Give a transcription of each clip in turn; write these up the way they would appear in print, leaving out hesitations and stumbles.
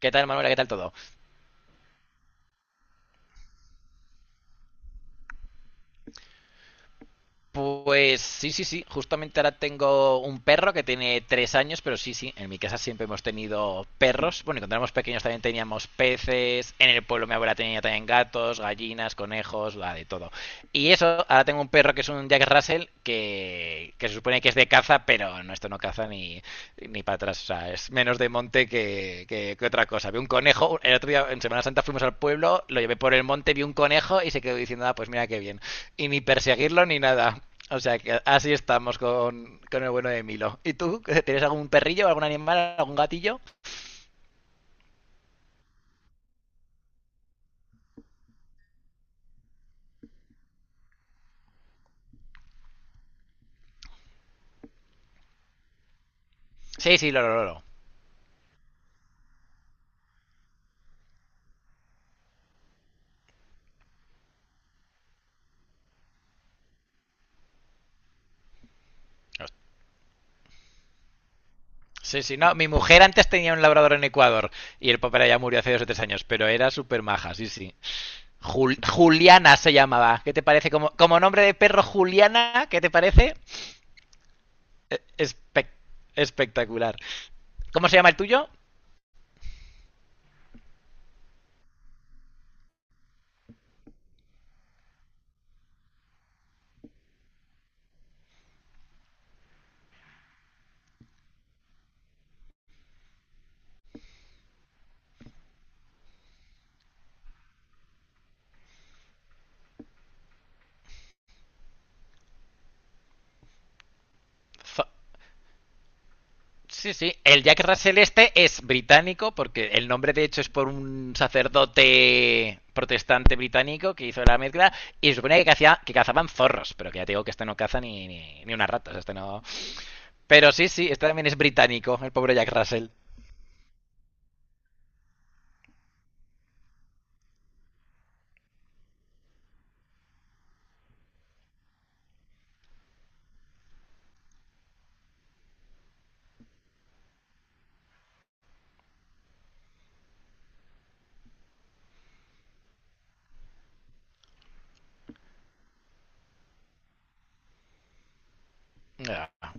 ¿Qué tal, Manuela? ¿Qué tal todo? Pues sí, sí, sí. Justamente ahora tengo un perro que tiene 3 años, pero sí, sí. En mi casa siempre hemos tenido perros. Bueno, y cuando éramos pequeños también teníamos peces. En el pueblo mi abuela tenía también gatos, gallinas, conejos, la de todo. Y eso, ahora tengo un perro que es un Jack Russell que se supone que es de caza, pero no, esto no caza ni para atrás. O sea, es menos de monte que otra cosa. Vi un conejo. El otro día en Semana Santa fuimos al pueblo, lo llevé por el monte, vi un conejo y se quedó diciendo, ah, pues mira qué bien. Y ni perseguirlo ni nada. O sea que así estamos con el bueno de Milo. ¿Y tú? ¿Tienes algún perrillo, algún animal, algún gatillo? Sí, sí, loro, loro. Sí, sí, no. Mi mujer antes tenía un labrador en Ecuador y el papá ya murió hace 2 o 3 años, pero era súper maja, sí, sí. Juliana se llamaba. ¿Qué te parece? Como, como nombre de perro Juliana, ¿qué te parece? Eh, espe- Espectacular. ¿Cómo se llama el tuyo? Zo- Sí, sí. El Jack Russell este es británico, porque el nombre de hecho es por un sacerdote protestante británico que hizo la mezcla. Y se supone que, hacía, que cazaban zorros, pero que ya te digo que este no caza ni una rata. O sea, este no. Pero sí, sí, este también es británico, el pobre Jack Russell. Ah.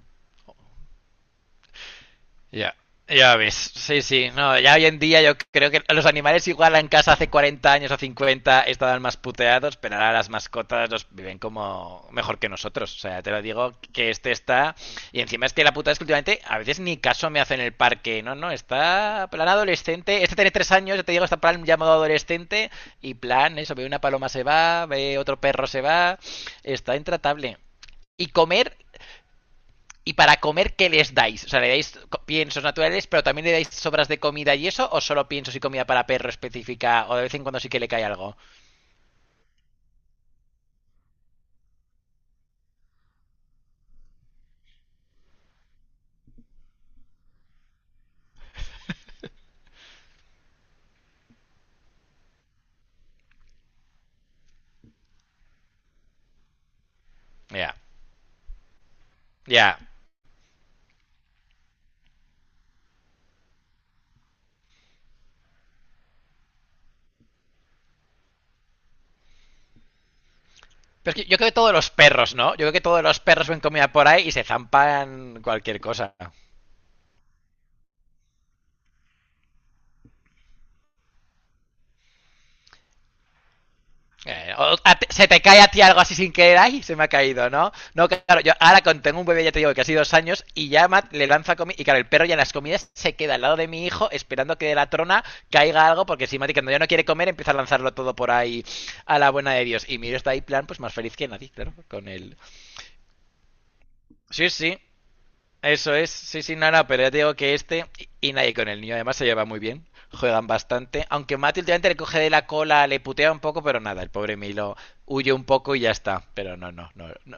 Ya, ya ves. Sí, sí. No, ya hoy en día yo creo que los animales igual en casa hace 40 años o 50 estaban más puteados, pero ahora las mascotas los viven como mejor que nosotros. O sea, te lo digo que este está... Y encima es que la puta es que últimamente a veces ni caso me hace en el parque. No, no, está plan adolescente. Este tiene 3 años, ya te digo, está plan ya modo adolescente. Y plan, eso, ve una paloma se va, ve otro perro se va. Está intratable. Y comer ¿y para comer qué les dais? O sea, ¿le dais piensos naturales, pero también le dais sobras de comida y eso? ¿O solo piensos y comida para perro específica? ¿O de vez en cuando sí que le cae algo? Ya, yeah. Ya. Yeah. Pero es que yo creo que todos los perros, ¿no? Yo creo que todos los perros ven comida por ahí y se zampan cualquier cosa. Se te cae a ti algo así sin querer, ay, se me ha caído, ¿no? No, claro, yo ahora tengo un bebé, ya te digo, que hace 2 años, y ya le lanza comida, y claro, el perro ya en las comidas se queda al lado de mi hijo esperando que de la trona caiga algo, porque si Mati cuando ya no quiere comer empieza a lanzarlo todo por ahí a la buena de Dios. Y miro está ahí, plan, pues más feliz que nadie, claro, con él. Sí, sí. Eso es, sí, sí, no, no, pero ya te digo que este y nadie con el niño además se lleva muy bien, juegan bastante, aunque Mati últimamente le coge de la cola, le putea un poco, pero nada, el pobre Milo huye un poco y ya está, pero no, no, no, no,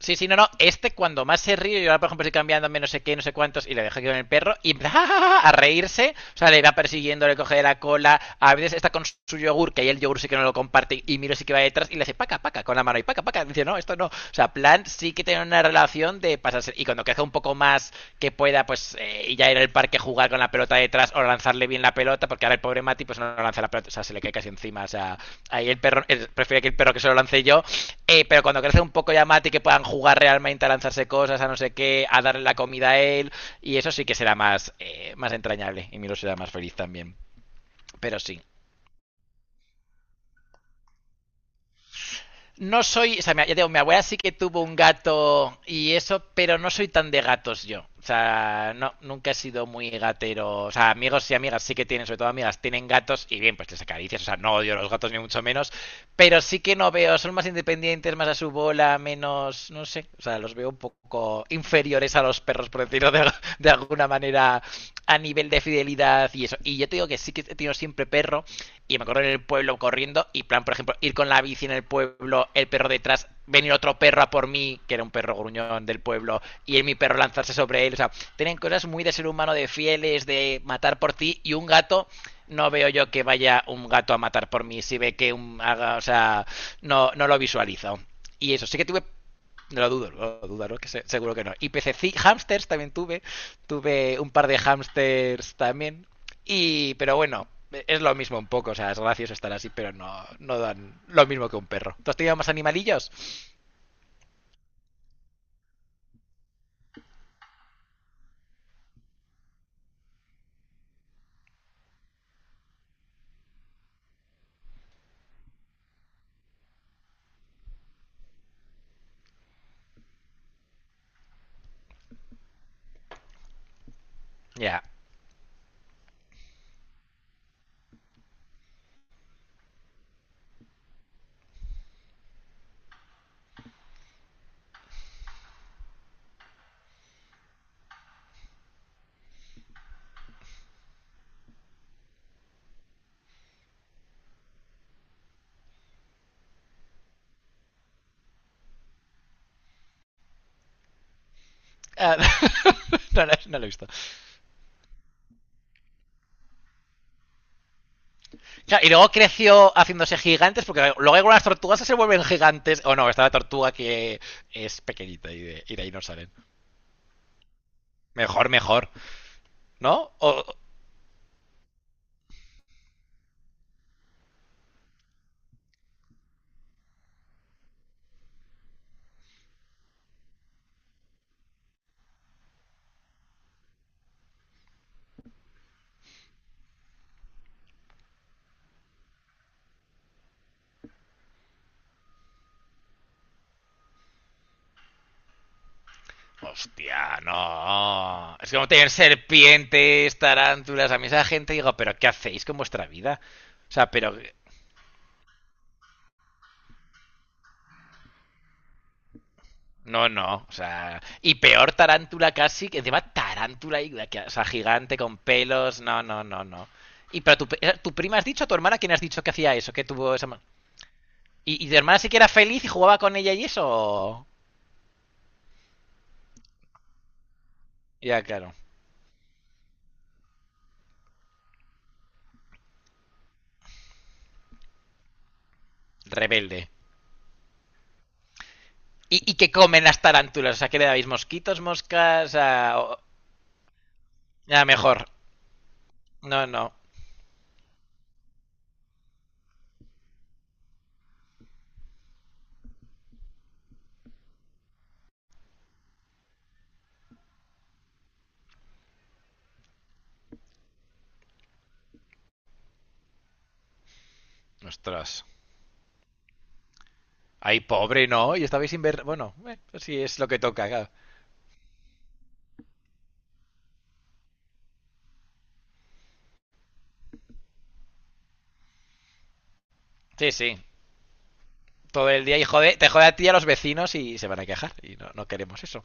sí, sí, no, no. Este cuando más se ríe, yo ahora por ejemplo estoy cambiándome no sé qué, no sé cuántos, y le dejo aquí con el perro, y empieza "Ja, ja, ja", a reírse. O sea, le va persiguiendo, le coge de la cola. A veces está con su yogur, que ahí el yogur sí que no lo comparte, y miro sí que va detrás, y le hace paca, paca, con la mano, y paca, paca. Y dice, no, esto no. O sea, plan sí que tiene una relación de pasarse. Y cuando crezca un poco más que pueda, pues ya ir al parque a jugar con la pelota detrás o lanzarle bien la pelota, porque ahora el pobre Mati pues no lanza la pelota, o sea, se le cae casi encima. O sea, ahí el perro, prefiere que el perro que se lo lance yo, pero cuando crecen un poco ya Mati, que puedan jugar realmente a lanzarse cosas, a no sé qué, a darle la comida a él, y eso sí que será más, más entrañable y Milo será más feliz también. Pero sí, no soy, o sea, ya digo, mi abuela sí que tuvo un gato y eso, pero no soy tan de gatos yo. O sea, no, nunca he sido muy gatero. O sea, amigos y amigas sí que tienen, sobre todo amigas, tienen gatos y bien, pues les acaricias. O sea, no odio los gatos ni mucho menos, pero sí que no veo, son más independientes, más a su bola, menos, no sé, o sea, los veo un poco inferiores a los perros, por decirlo de alguna manera, a nivel de fidelidad y eso. Y yo te digo que sí que he tenido siempre perro, y me acuerdo en el pueblo corriendo y plan, por ejemplo, ir con la bici en el pueblo, el perro detrás, venir otro perro a por mí, que era un perro gruñón del pueblo, y él, mi perro lanzarse sobre él. O sea, tienen cosas muy de ser humano, de fieles, de matar por ti, y un gato, no veo yo que vaya un gato a matar por mí si ve que un haga, o sea, no, no lo visualizo. Y eso, sí que tuve no lo dudo, no lo dudo, ¿no? Seguro que no. Y pececi, hamsters también tuve. Tuve un par de hamsters también. Y, pero bueno, es lo mismo un poco. O sea, es gracioso estar así, pero no, no dan lo mismo que un perro. ¿Tú has tenido más animalillos? Ya. Ah, no, no, no lo he visto. Claro, y luego creció haciéndose gigantes, porque luego algunas tortugas se vuelven gigantes. O oh, no, está la tortuga que es pequeñita y de ahí no salen. Mejor, mejor. ¿No? O, hostia, no. Es como tener serpientes, tarántulas. A mí esa gente digo, pero ¿qué hacéis con vuestra vida? O sea, pero... No, no. O sea, y peor tarántula casi, que encima tarántula, o sea, gigante con pelos. No, no, no, no. Y pero tu prima has dicho, tu hermana, ¿quién has dicho que hacía eso? Que tuvo esa... ¿Y, y tu hermana sí que era feliz y jugaba con ella y eso? Ya, claro. Rebelde. Y qué comen las tarántulas? O sea, ¿qué le dabais? ¿Mosquitos, moscas? Ya, mejor. No, no. Ostras. Ay, pobre, ¿no? Y estabais sin ver... Bueno, sí, es lo que toca, claro. Sí, sí. Todo el día y jode, te jode a ti y a los vecinos y se van a quejar. Y no, no queremos eso.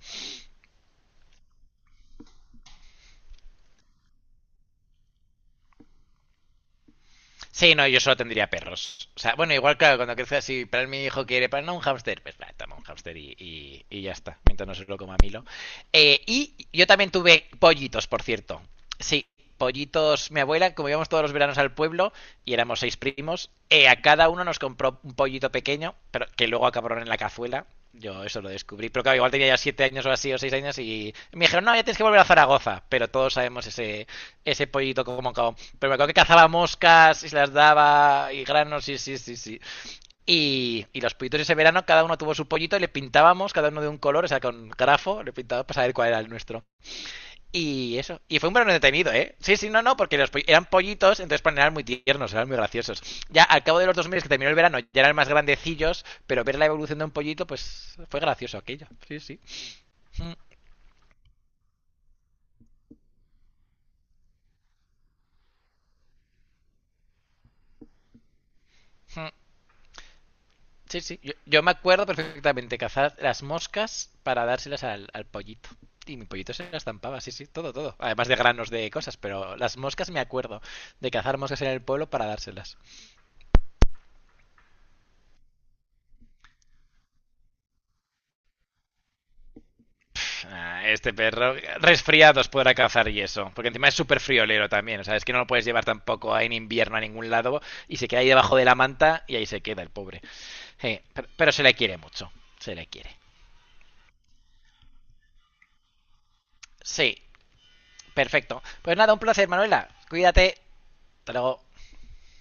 Sí, no, yo solo tendría perros. O sea, bueno, igual, claro, cuando crezca si para él mi hijo quiere, para no un hámster, pues para, toma un hámster y y ya está, mientras no se lo coma Milo. Y yo también tuve pollitos, por cierto. Sí, pollitos. Mi abuela, como íbamos todos los veranos al pueblo y éramos 6 primos, a cada uno nos compró un pollito pequeño, pero que luego acabaron en la cazuela. Yo eso lo descubrí, pero claro, igual tenía ya 7 años o así, o 6 años, y me dijeron, no, ya tienes que volver a Zaragoza, pero todos sabemos ese, ese pollito como cabo. Pero me acuerdo que cazaba moscas y se las daba y granos, sí, sí, sí, sí. Y los pollitos ese verano, cada uno tuvo su pollito y le pintábamos cada uno de un color, o sea, con grafo, le pintábamos para saber cuál era el nuestro. Y eso. Y fue un verano detenido, ¿eh? Sí, sí, no, no, porque los eran pollitos, entonces pues, eran muy tiernos, eran muy graciosos. Ya al cabo de los 2 meses que terminó el verano, ya eran más grandecillos, pero ver la evolución de un pollito, pues fue gracioso aquello. Sí, sí. Mm, mm. Sí, sí. Yo me acuerdo perfectamente cazar las moscas para dárselas al pollito. Y mi pollito se las estampaba, sí, sí, todo, todo. Además de granos de cosas, pero las moscas me acuerdo de cazar moscas en el pueblo para dárselas. Ah, este perro, resfriados podrá cazar y eso. Porque encima es súper friolero también. O sea, es que no lo puedes llevar tampoco en invierno a ningún lado y se queda ahí debajo de la manta y ahí se queda el pobre. Sí, pero se le quiere mucho. Se le quiere. Sí, perfecto. Pues nada, un placer, Manuela. Cuídate. Hasta luego.